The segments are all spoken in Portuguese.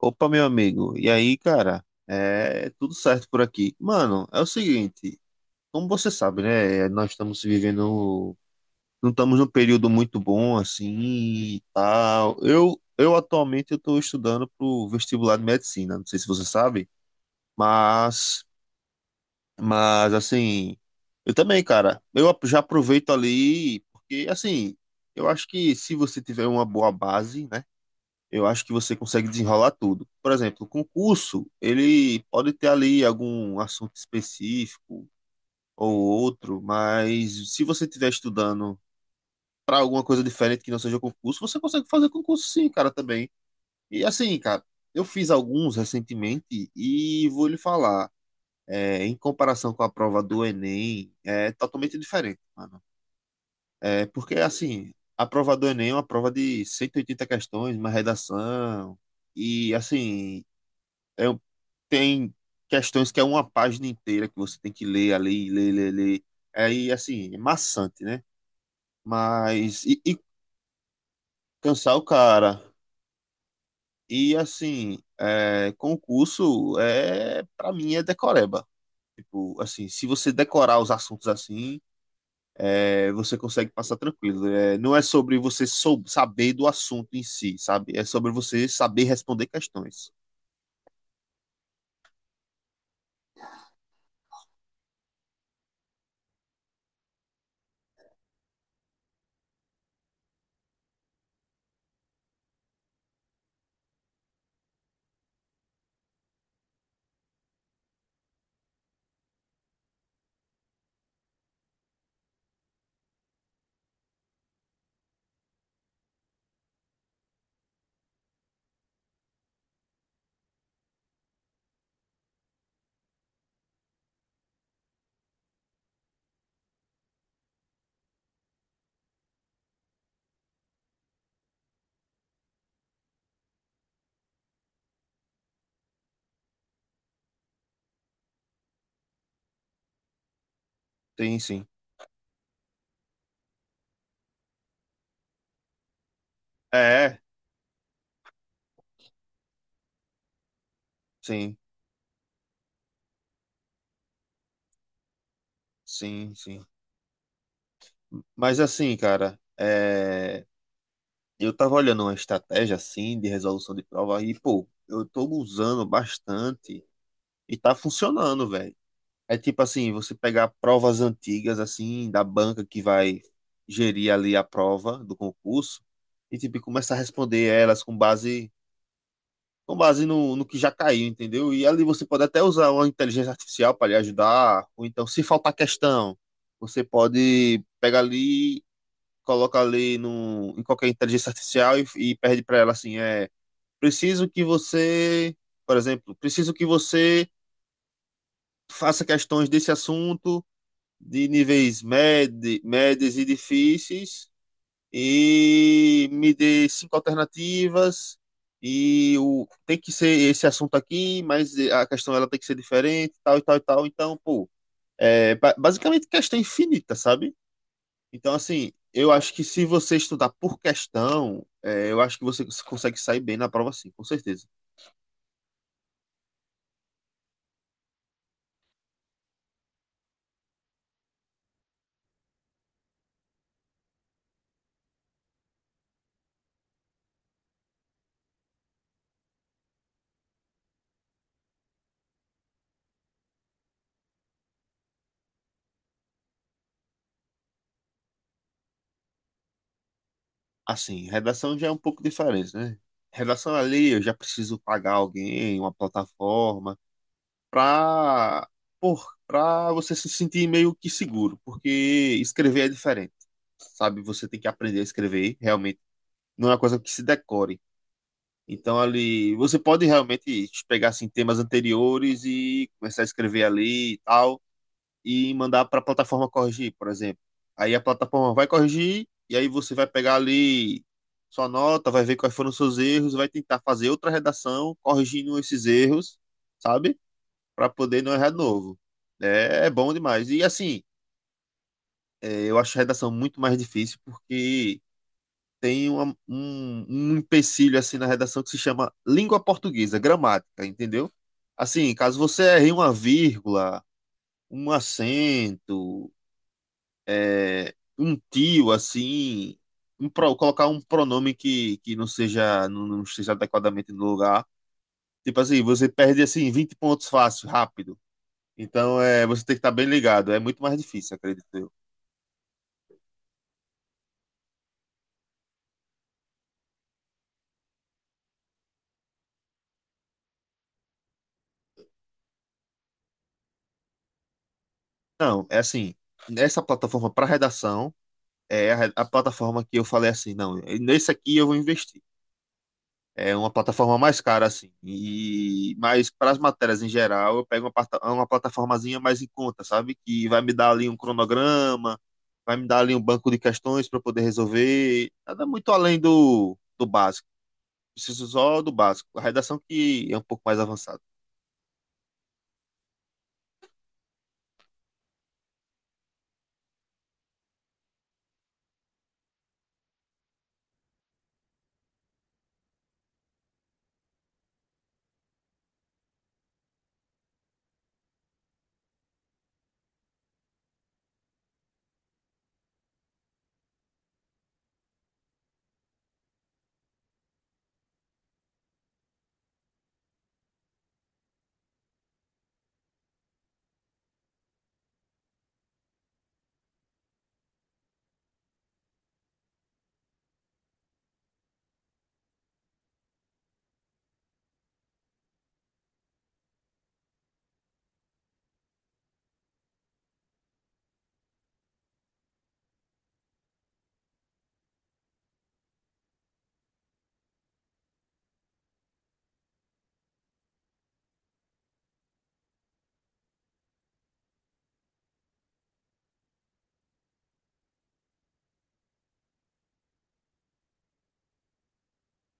Opa, meu amigo. E aí, cara? É tudo certo por aqui. Mano, é o seguinte, como você sabe, né? Nós estamos vivendo, não estamos num período muito bom assim, e tal. Eu atualmente eu estou estudando pro vestibular de medicina. Não sei se você sabe, mas, mas assim, eu também, cara. Eu já aproveito ali porque assim, eu acho que se você tiver uma boa base, né? Eu acho que você consegue desenrolar tudo. Por exemplo, o concurso, ele pode ter ali algum assunto específico ou outro, mas se você estiver estudando para alguma coisa diferente que não seja concurso, você consegue fazer concurso sim, cara, também. E assim, cara, eu fiz alguns recentemente e vou lhe falar, em comparação com a prova do Enem, é totalmente diferente, mano. Porque assim, a prova do Enem é uma prova de 180 questões, uma redação, e assim, É, um, tem questões que é uma página inteira que você tem que ler, ali, ler, ler, ler. Aí, assim, é maçante, né? Mas, e cansar o cara. E, assim, concurso, para mim, é decoreba. Tipo, assim, se você decorar os assuntos assim, você consegue passar tranquilo. É, não é sobre você sou, saber do assunto em si, sabe? É sobre você saber responder questões. Sim, sim. É, sim, sim, sim. Mas assim, cara, eu tava olhando uma estratégia assim de resolução de prova e, pô, eu tô usando bastante e tá funcionando, velho. É tipo assim, você pegar provas antigas assim da banca que vai gerir ali a prova do concurso e tipo começar a responder elas com base no que já caiu, entendeu? E ali você pode até usar uma inteligência artificial para lhe ajudar, ou então se faltar questão, você pode pegar ali coloca ali no, em qualquer inteligência artificial e pede para ela assim, preciso que você, por exemplo, preciso que você faça questões desse assunto de níveis médios e difíceis e me dê cinco alternativas e o tem que ser esse assunto aqui, mas a questão ela tem que ser diferente, tal e tal e tal. Então, pô, é basicamente questão infinita, sabe? Então, assim, eu acho que se você estudar por questão, eu acho que você consegue sair bem na prova, sim, com certeza. Assim, redação já é um pouco diferente, né? Redação ali, eu já preciso pagar alguém, uma plataforma, pra, pra você se sentir meio que seguro, porque escrever é diferente, sabe? Você tem que aprender a escrever, realmente. Não é uma coisa que se decore. Então, ali, você pode realmente pegar, assim, temas anteriores e começar a escrever ali e tal. E mandar para a plataforma corrigir, por exemplo. Aí a plataforma vai corrigir e aí você vai pegar ali sua nota, vai ver quais foram os seus erros, vai tentar fazer outra redação corrigindo esses erros, sabe? Para poder não errar de novo. É, é bom demais. E assim, eu acho a redação muito mais difícil porque tem um empecilho assim na redação que se chama língua portuguesa, gramática, entendeu? Assim, caso você erre uma vírgula, um acento, um tio, assim, um colocar um pronome que não seja, não esteja adequadamente no lugar. Tipo assim, você perde assim 20 pontos fácil, rápido. Então você tem que estar bem ligado. É muito mais difícil, acredito eu. Não, é assim, essa plataforma para redação é a plataforma que eu falei assim, não, nesse aqui eu vou investir. É uma plataforma mais cara, assim. Mas para as matérias em geral, eu pego uma plataformazinha mais em conta, sabe? Que vai me dar ali um cronograma, vai me dar ali um banco de questões para poder resolver. Nada muito além do básico. Preciso só do básico. A redação que é um pouco mais avançada.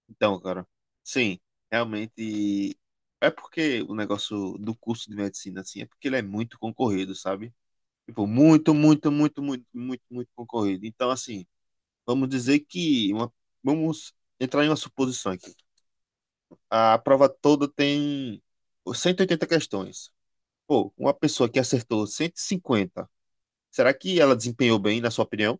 Então, cara, sim, realmente. É porque o negócio do curso de medicina, assim, é porque ele é muito concorrido, sabe? Tipo, muito, muito, muito, muito, muito, muito concorrido. Então, assim. Vamos dizer que vamos entrar em uma suposição aqui. A prova toda tem 180 questões. Pô, uma pessoa que acertou 150, será que ela desempenhou bem, na sua opinião?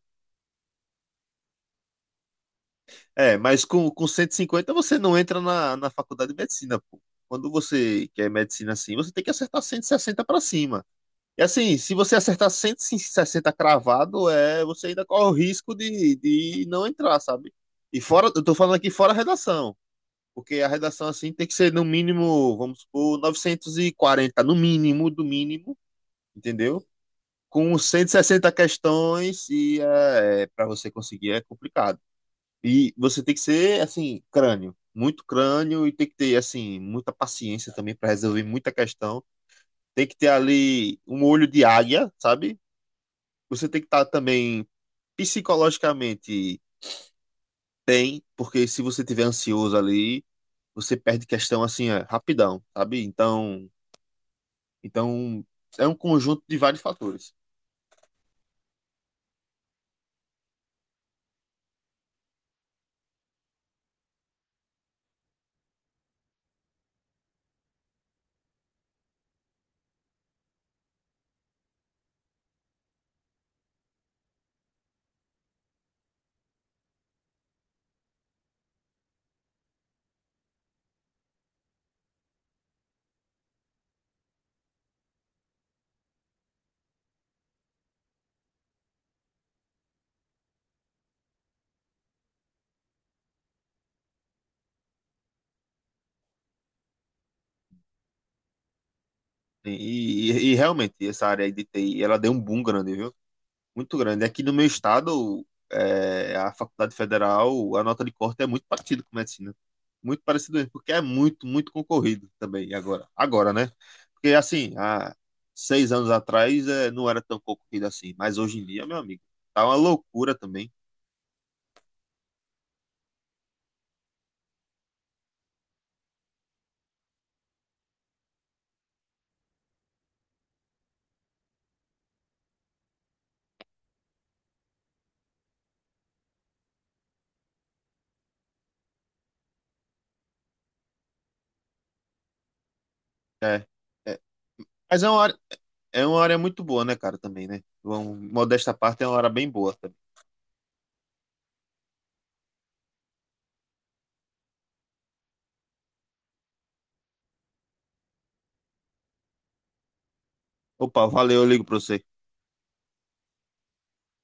É, mas com 150 você não entra na, faculdade de medicina, pô. Quando você quer medicina assim, você tem que acertar 160 para cima. E assim, se você acertar 160 cravado, você ainda corre o risco de não entrar, sabe? E fora, eu tô falando aqui fora a redação. Porque a redação assim tem que ser no mínimo, vamos supor, 940 no mínimo, do mínimo, entendeu? Com 160 questões e para você conseguir é complicado. E você tem que ser, assim, crânio, muito crânio e tem que ter, assim, muita paciência também para resolver muita questão. Tem que ter ali um olho de águia, sabe? Você tem que estar também psicologicamente tem, porque se você tiver ansioso ali, você perde questão assim, rapidão, sabe? então, é um conjunto de vários fatores. E, e realmente, essa área aí de TI, ela deu um boom grande, viu? Muito grande. Aqui no meu estado, a Faculdade Federal, a nota de corte é muito parecida com medicina. Muito parecido mesmo, porque é muito, muito concorrido também agora. Agora, né? Porque assim, há 6 anos atrás, não era tão concorrido assim, mas hoje em dia, meu amigo, tá uma loucura também. É, é. Mas é uma área muito boa, né, cara, também, né? Vamos, modesta parte, é uma área bem boa também. Opa, valeu, eu ligo pra você.